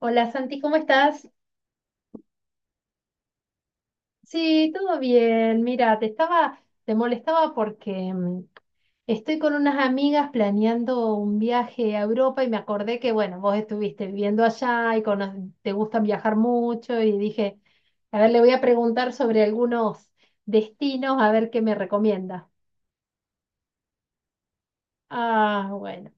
Hola Santi, ¿cómo estás? Sí, todo bien. Mira, te estaba, te molestaba porque estoy con unas amigas planeando un viaje a Europa y me acordé que, bueno, vos estuviste viviendo allá y te gusta viajar mucho y dije, a ver, le voy a preguntar sobre algunos destinos, a ver qué me recomienda. Ah, bueno.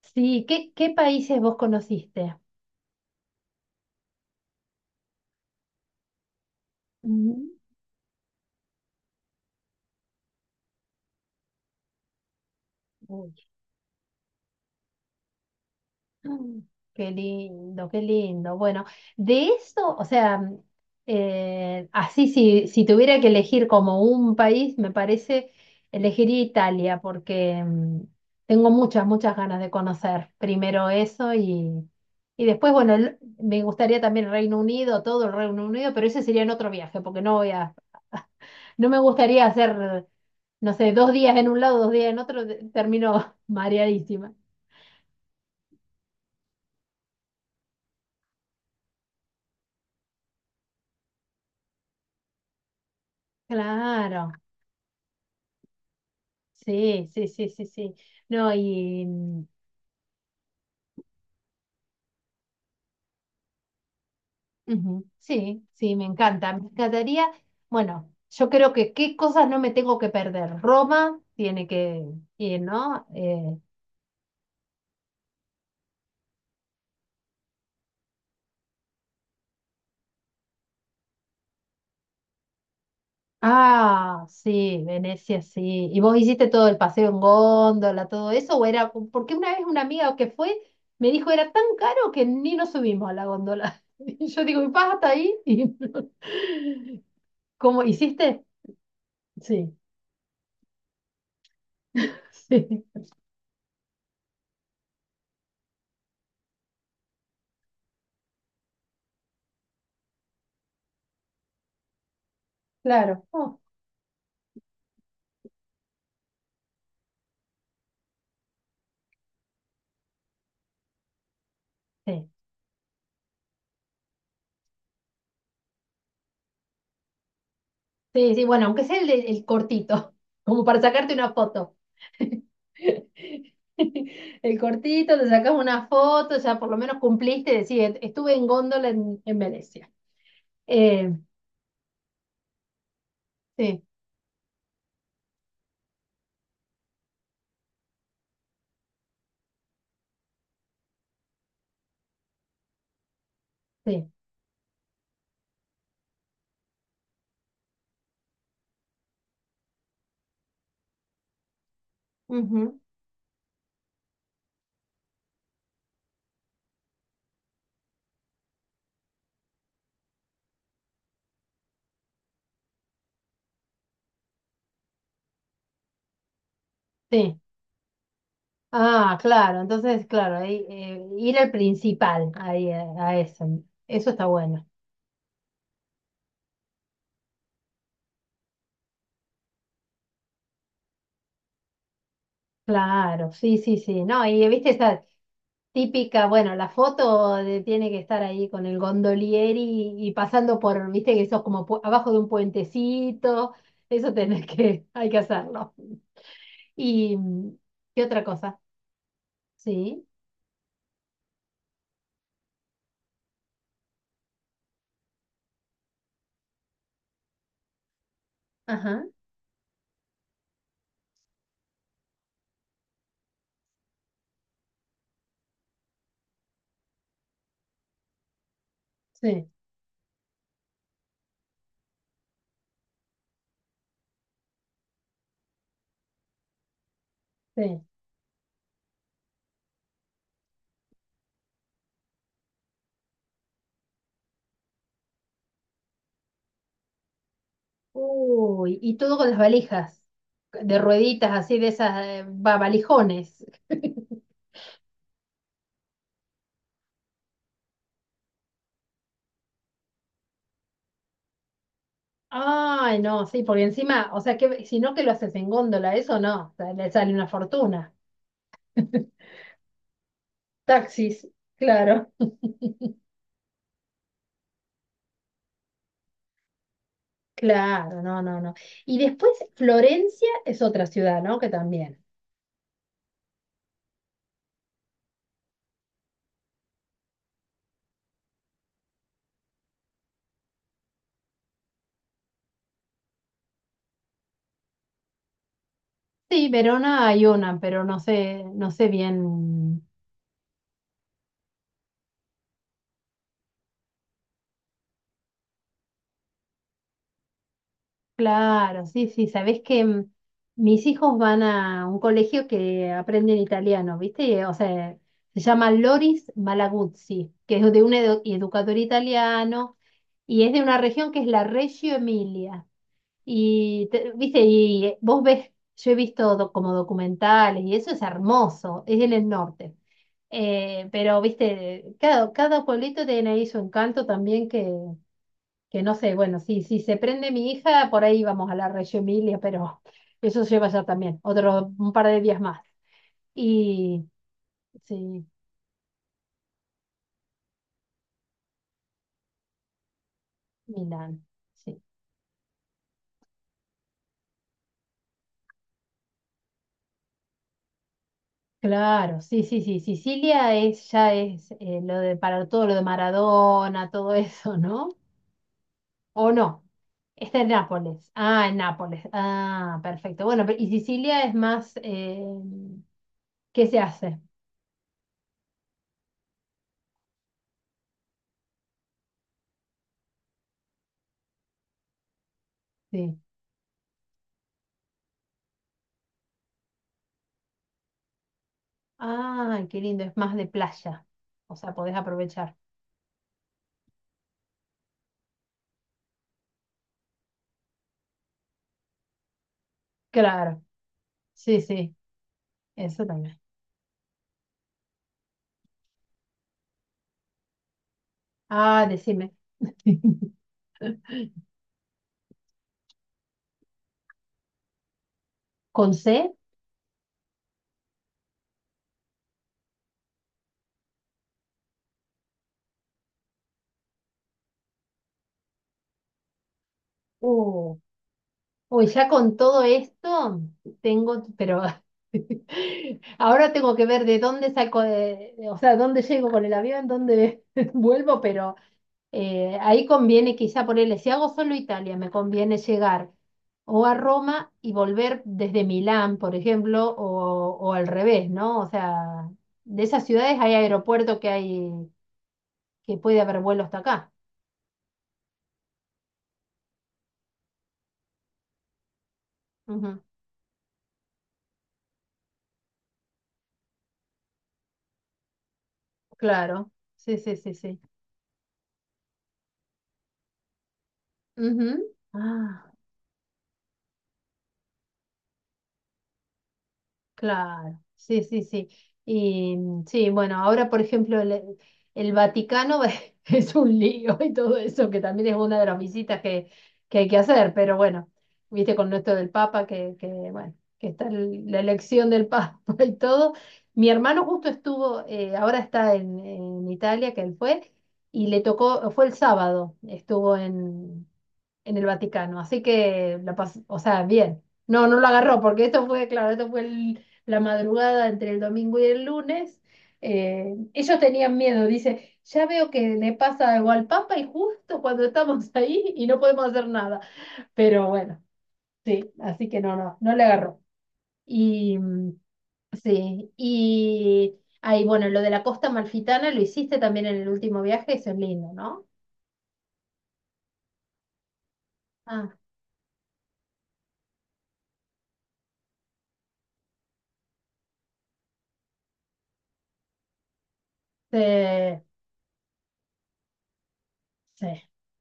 Sí, ¿qué países vos conociste? Ujú. Uy. Mm. Qué lindo, qué lindo. Bueno, de eso, o sea, así si tuviera que elegir como un país, me parece, elegiría Italia porque tengo muchas, muchas ganas de conocer primero eso y después, bueno, me gustaría también Reino Unido, todo el Reino Unido, pero ese sería en otro viaje porque no voy a, no me gustaría hacer, no sé, dos días en un lado, dos días en otro, termino mareadísima. Claro. Sí, sí, sí, sí, sí. No, y ujú, sí, sí, me encanta. Me encantaría, bueno, yo creo que qué cosas no me tengo que perder. Roma tiene que ir, ¿no? Ah, sí, Venecia, sí. ¿Y vos hiciste todo el paseo en góndola, todo eso? ¿O era, porque una vez una amiga que fue me dijo era tan caro que ni nos subimos a la góndola? Y yo digo, ¿y pasa hasta ahí? Y no. ¿Cómo hiciste? Sí, sí, claro. Oh. Sí, sí, sí, bueno, aunque sea el, el cortito, como para sacarte una foto. El cortito, te sacas una foto, ya por lo menos cumpliste, decir, estuve en góndola en Venecia. Eh, sí, sí, ujú, sí. Ah, claro, entonces, claro, ahí, ir al principal, ahí, a eso. Eso está bueno. Claro, sí, sí, sí. No, y viste esa típica, bueno, la foto tiene que estar ahí con el gondolieri y pasando por, viste que sos como abajo de un puentecito, eso tenés que, hay que hacerlo. ¿Y qué otra cosa? Sí, ajá, sí, sí. Uy, y todo con las valijas, de rueditas así, de esas, valijones. Ay, no, sí, porque encima, o sea, que si no que lo haces en góndola, eso no, o sea, le sale una fortuna. Taxis, claro, claro, no, no, no. Y después Florencia es otra ciudad, ¿no? Que también. Sí, Verona hay una, pero no sé, no sé bien. Claro, sí, sí, sabés que mis hijos van a un colegio que aprenden italiano, ¿viste? O sea, se llama Loris Malaguzzi, que es de un educador italiano y es de una región que es la Reggio Emilia. Y, viste, y vos ves, yo he visto como documentales y eso es hermoso, es en el norte. Pero, viste, cada, cada pueblito tiene ahí su encanto también que no sé, bueno, si, si se prende mi hija, por ahí vamos a la Reggio Emilia, pero eso lleva ya también, otro, un par de días más. Y sí, Milán, sí. Claro, sí, sí, sí, Sicilia es, ya es lo de, para todo lo de Maradona, todo eso, ¿no? ¿O no? Está en Nápoles. Ah, en Nápoles. Ah, perfecto. Bueno, y Sicilia es más… ¿qué se hace? Sí. Ah, qué lindo. Es más de playa. O sea, podés aprovechar. Claro. Sí, sí. Eso también. Ah, decime. ¿Con C? Uh, uy, ya con todo esto tengo… Pero ahora tengo que ver de dónde saco… o sea, dónde llego con el avión, dónde vuelvo, pero… ahí conviene quizá ponerle, si hago solo Italia, me conviene llegar o a Roma y volver desde Milán, por ejemplo, o al revés, ¿no? O sea, de esas ciudades hay aeropuerto que hay, que puede haber vuelo hasta acá. Ujú, claro, sí, sí, sí, sí. Ujú. Ah. Claro, sí, sí, sí. Y sí, bueno, ahora por ejemplo el Vaticano es un lío y todo eso, que también es una de las visitas que hay que hacer, pero bueno, viste con esto del Papa, que bueno, que está la elección del Papa y todo. Mi hermano justo estuvo, ahora está en Italia, que él fue, y le tocó, fue el sábado, estuvo en el Vaticano. Así que la pasó, o sea, bien. No, no lo agarró, porque esto fue, claro, esto fue la madrugada entre el domingo y el lunes. Ellos tenían miedo, dice, ya veo que le pasa algo al Papa y justo cuando estamos ahí y no podemos hacer nada. Pero bueno, sí, así que no, no, no le agarró. Y sí, y ahí, bueno, lo de la costa amalfitana lo hiciste también en el último viaje, eso es lindo, ¿no? Ah, sí. Sí,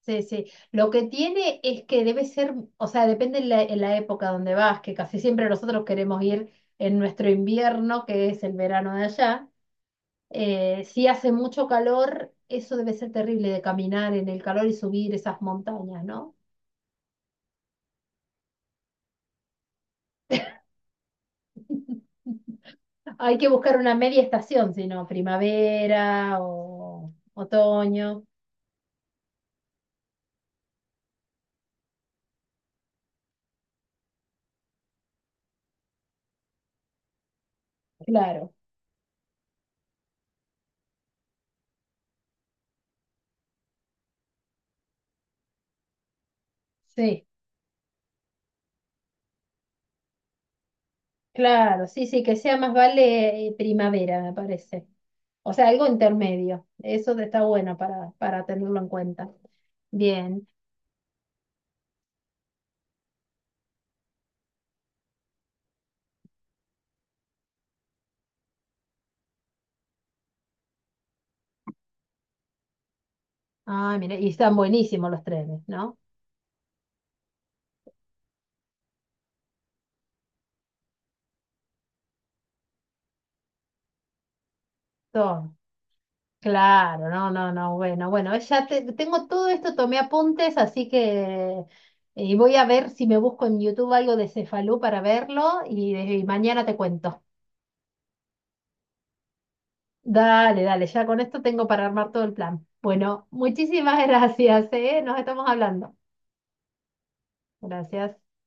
sí, sí. Lo que tiene es que debe ser, o sea, depende en la época donde vas, que casi siempre nosotros queremos ir en nuestro invierno, que es el verano de allá. Si hace mucho calor, eso debe ser terrible de caminar en el calor y subir esas montañas, ¿no? Hay que buscar una media estación, sino primavera o otoño. Claro, sí. Claro, sí, sí, que sea más vale primavera, me parece. O sea, algo intermedio. Eso está bueno para tenerlo en cuenta. Bien. Ah, mira, y están buenísimos los trenes, ¿no? Todo. Claro, no, no, no, bueno, bueno, ya tengo todo esto, tomé apuntes, así que y voy a ver si me busco en YouTube algo de Cefalú para verlo y mañana te cuento. Dale, dale, ya con esto tengo para armar todo el plan. Bueno, muchísimas gracias, ¿eh? Nos estamos hablando. Gracias.